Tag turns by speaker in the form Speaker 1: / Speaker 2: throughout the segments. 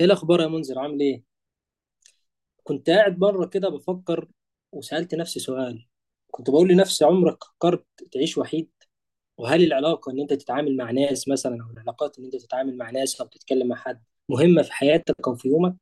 Speaker 1: ايه الاخبار يا منذر؟ عامل ايه؟ كنت قاعد بره كده بفكر، وسألت نفسي سؤال. كنت بقول لنفسي: عمرك فكرت تعيش وحيد؟ وهل العلاقة ان انت تتعامل مع ناس مثلا، او العلاقات ان انت تتعامل مع ناس او تتكلم مع حد، مهمة في حياتك او في يومك؟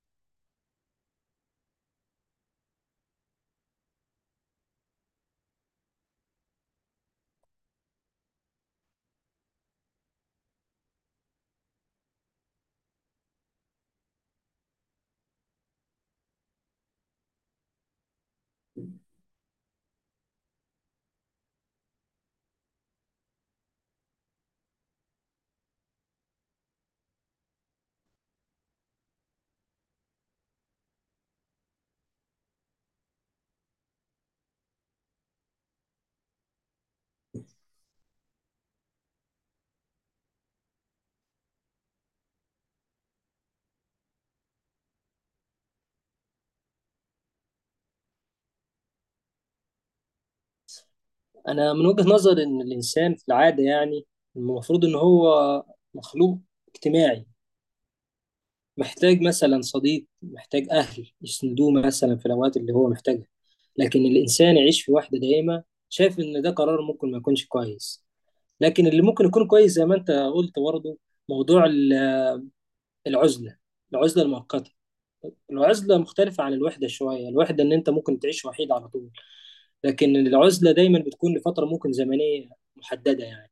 Speaker 1: انا من وجهة نظري ان الانسان في العادة، يعني المفروض ان هو مخلوق اجتماعي، محتاج مثلا صديق، محتاج اهل يسندوه مثلا في الاوقات اللي هو محتاجها. لكن الانسان يعيش في وحدة دائمة، شايف ان ده قرار ممكن ما يكونش كويس. لكن اللي ممكن يكون كويس زي ما انت قلت برضه موضوع العزله، العزله المؤقته. العزله مختلفه عن الوحده شويه. الوحده ان انت ممكن تعيش وحيد على طول، لكن العزله دايما بتكون لفتره ممكن زمنيه محدده يعني.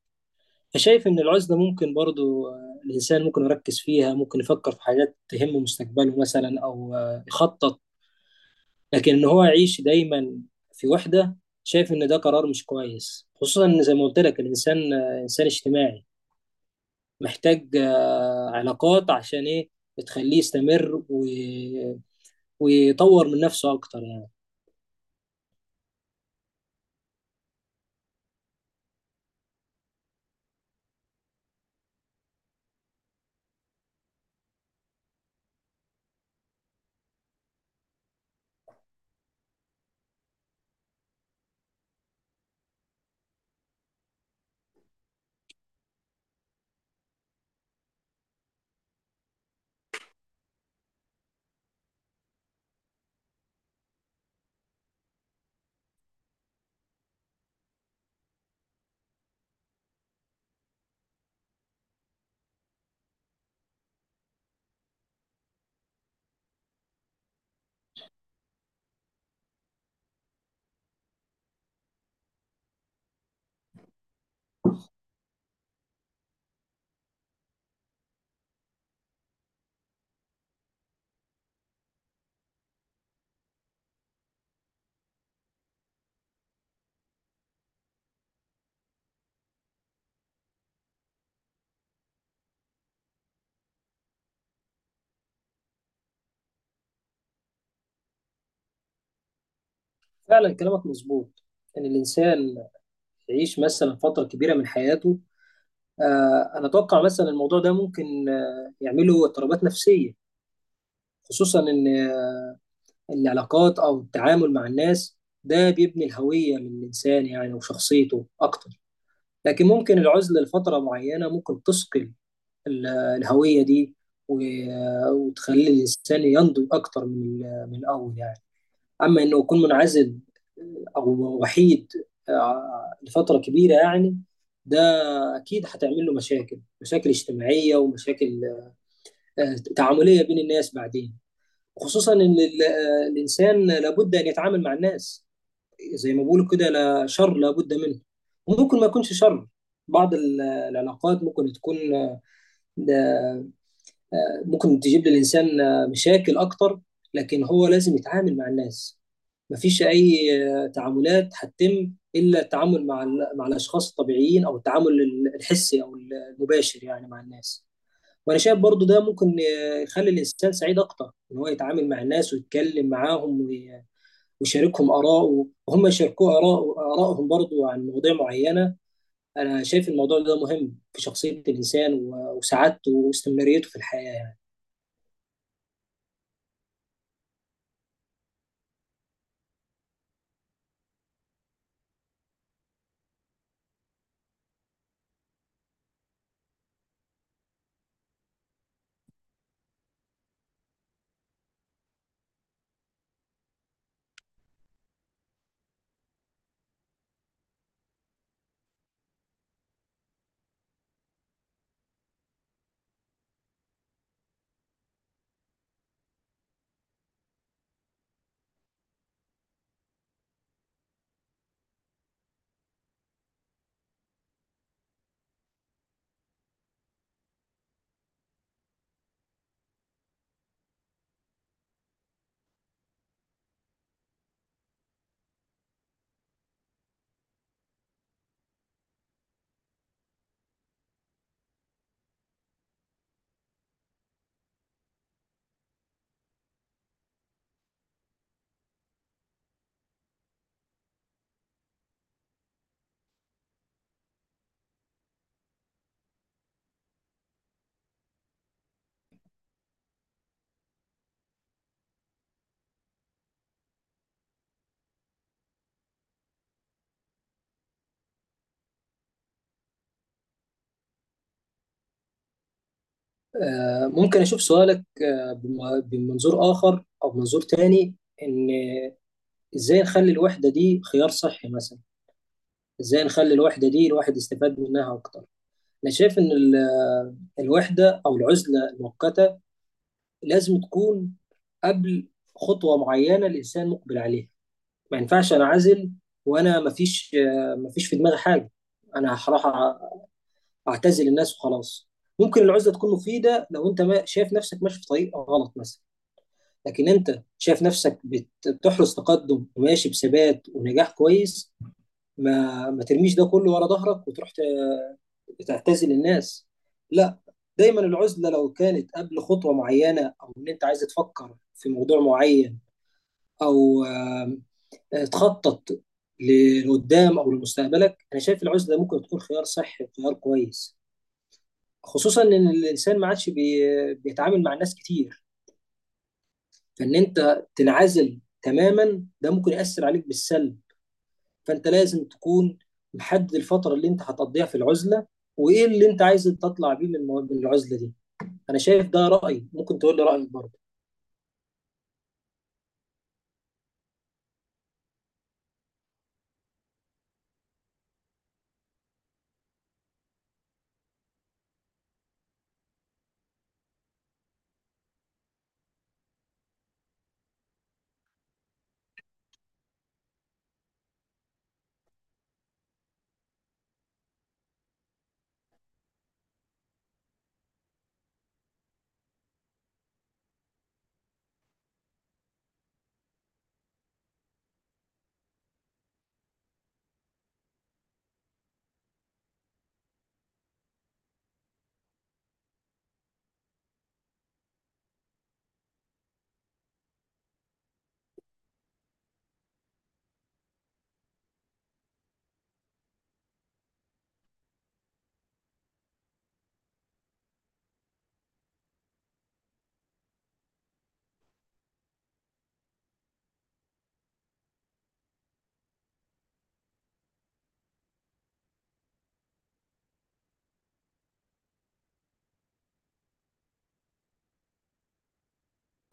Speaker 1: فشايف ان العزله ممكن برضه، الانسان ممكن يركز فيها، ممكن يفكر في حاجات تهم مستقبله مثلا، او يخطط. لكن ان هو يعيش دايما في وحده، شايف ان ده قرار مش كويس، خصوصا ان زي ما قلت لك الانسان انسان اجتماعي، محتاج علاقات عشان ايه؟ تخليه يستمر ويطور من نفسه اكتر يعني. فعلا كلامك مظبوط ان الانسان يعيش مثلا فتره كبيره من حياته. انا اتوقع مثلا الموضوع ده ممكن يعمله اضطرابات نفسيه، خصوصا ان العلاقات او التعامل مع الناس، ده بيبني الهويه من الانسان يعني وشخصيته اكتر. لكن ممكن العزله لفتره معينه ممكن تثقل الهوية دي، وتخلي الإنسان ينضج أكتر من من الأول يعني. أما إنه يكون منعزل، أو وحيد لفترة كبيرة يعني، ده أكيد هتعمل له مشاكل، مشاكل اجتماعية ومشاكل تعاملية بين الناس بعدين، خصوصا إن الإنسان لابد أن يتعامل مع الناس. زي ما بيقولوا كده: لا شر لابد منه. وممكن ما يكونش شر. بعض العلاقات ممكن تكون، ده ممكن تجيب للإنسان مشاكل أكتر، لكن هو لازم يتعامل مع الناس. مفيش أي تعاملات هتتم إلا التعامل مع مع الأشخاص الطبيعيين، أو التعامل الحسي أو المباشر يعني مع الناس. وأنا شايف برضو ده ممكن يخلي الإنسان سعيد أكتر، إن هو يتعامل مع الناس ويتكلم معاهم، ويشاركهم آراءه وهم يشاركوه آراء آرائهم برضو عن مواضيع معينة. أنا شايف الموضوع ده مهم في شخصية الإنسان، وسعادته واستمراريته في الحياة. ممكن أشوف سؤالك بمنظور آخر أو منظور تاني. إن إزاي نخلي الوحدة دي خيار صحي مثلا؟ إزاي نخلي الوحدة دي الواحد يستفاد منها أكتر؟ أنا شايف إن الوحدة أو العزلة المؤقتة لازم تكون قبل خطوة معينة الإنسان مقبل عليها. ما ينفعش أنعزل وأنا مفيش، مفيش في دماغي حاجة. أنا هروح أعتزل الناس وخلاص. ممكن العزلة تكون مفيدة لو أنت ما شايف نفسك ماشي في طريق غلط مثلا. لكن انت شايف نفسك بتحرز تقدم وماشي بثبات ونجاح كويس، ما ترميش ده كله ورا ظهرك وتروح تعتزل الناس. لا. دايما العزلة لو كانت قبل خطوة معينة، او ان انت عايز تفكر في موضوع معين، او آم، آه، تخطط لقدام او لمستقبلك، انا شايف العزلة ممكن تكون خيار صحي وخيار كويس، خصوصا ان الانسان ما عادش بيتعامل مع ناس كتير. فان انت تنعزل تماما ده ممكن يأثر عليك بالسلب. فانت لازم تكون محدد الفتره اللي انت هتقضيها في العزله، وايه اللي انت عايز تطلع بيه من من العزله دي. انا شايف ده رايي، ممكن تقول لي رايك برضه.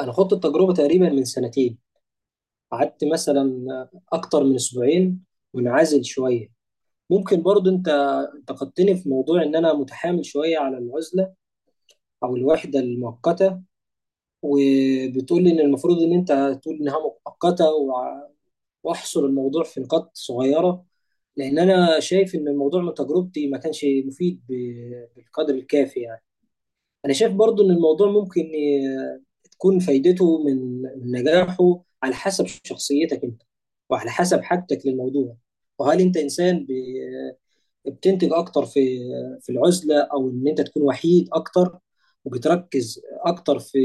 Speaker 1: انا خدت التجربه تقريبا من سنتين، قعدت مثلا اكتر من اسبوعين منعزل شويه. ممكن برضه انت انتقدتني في موضوع ان انا متحامل شويه على العزله او الوحده المؤقته، وبتقول لي ان المفروض ان انت تقول انها مؤقته، واحصر الموضوع في نقاط صغيره، لان انا شايف ان الموضوع من تجربتي ما كانش مفيد بالقدر الكافي يعني. انا شايف برضو ان الموضوع تكون فايدته من نجاحه على حسب شخصيتك انت، وعلى حسب حاجتك للموضوع. وهل انت انسان بتنتج اكتر في العزله، او ان انت تكون وحيد اكتر وبتركز اكتر، في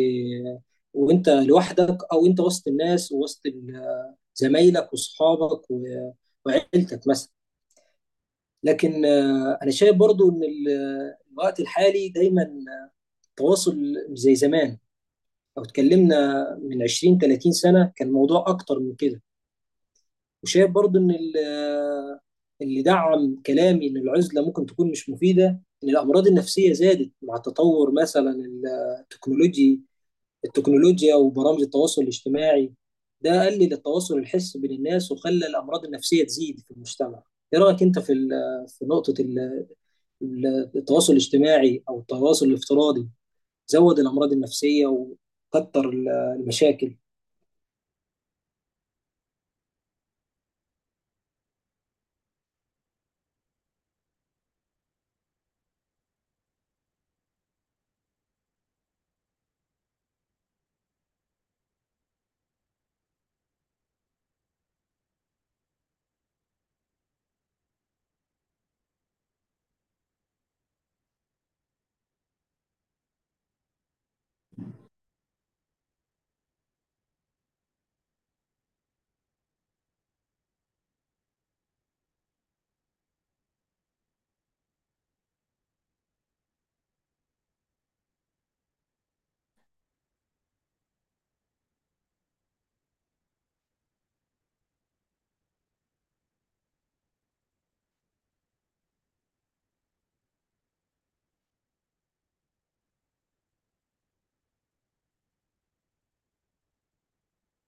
Speaker 1: وانت لوحدك، او انت وسط الناس ووسط زمايلك واصحابك، وعيلتك مثلا. لكن انا شايف برضو ان الوقت الحالي دايما التواصل مش زي زمان. لو اتكلمنا من 20 30 سنه كان الموضوع اكتر من كده. وشايف برضو ان اللي دعم كلامي ان العزله ممكن تكون مش مفيده، ان الامراض النفسيه زادت مع تطور مثلا التكنولوجي التكنولوجيا وبرامج التواصل الاجتماعي. ده قلل التواصل الحسي بين الناس وخلى الامراض النفسيه تزيد في المجتمع. ايه رايك انت في نقطه التواصل الاجتماعي، او التواصل الافتراضي زود الامراض النفسيه وكتر المشاكل؟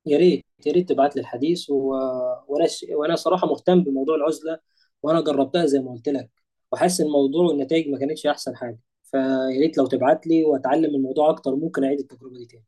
Speaker 1: يا ريت يا ريت تبعت لي الحديث. وانا صراحه مهتم بموضوع العزله، وانا جربتها زي ما قلت لك، وحاسس إن الموضوع والنتائج ما كانتش احسن حاجه. فيا ريت لو تبعت لي واتعلم الموضوع اكتر، ممكن اعيد التجربه دي تاني.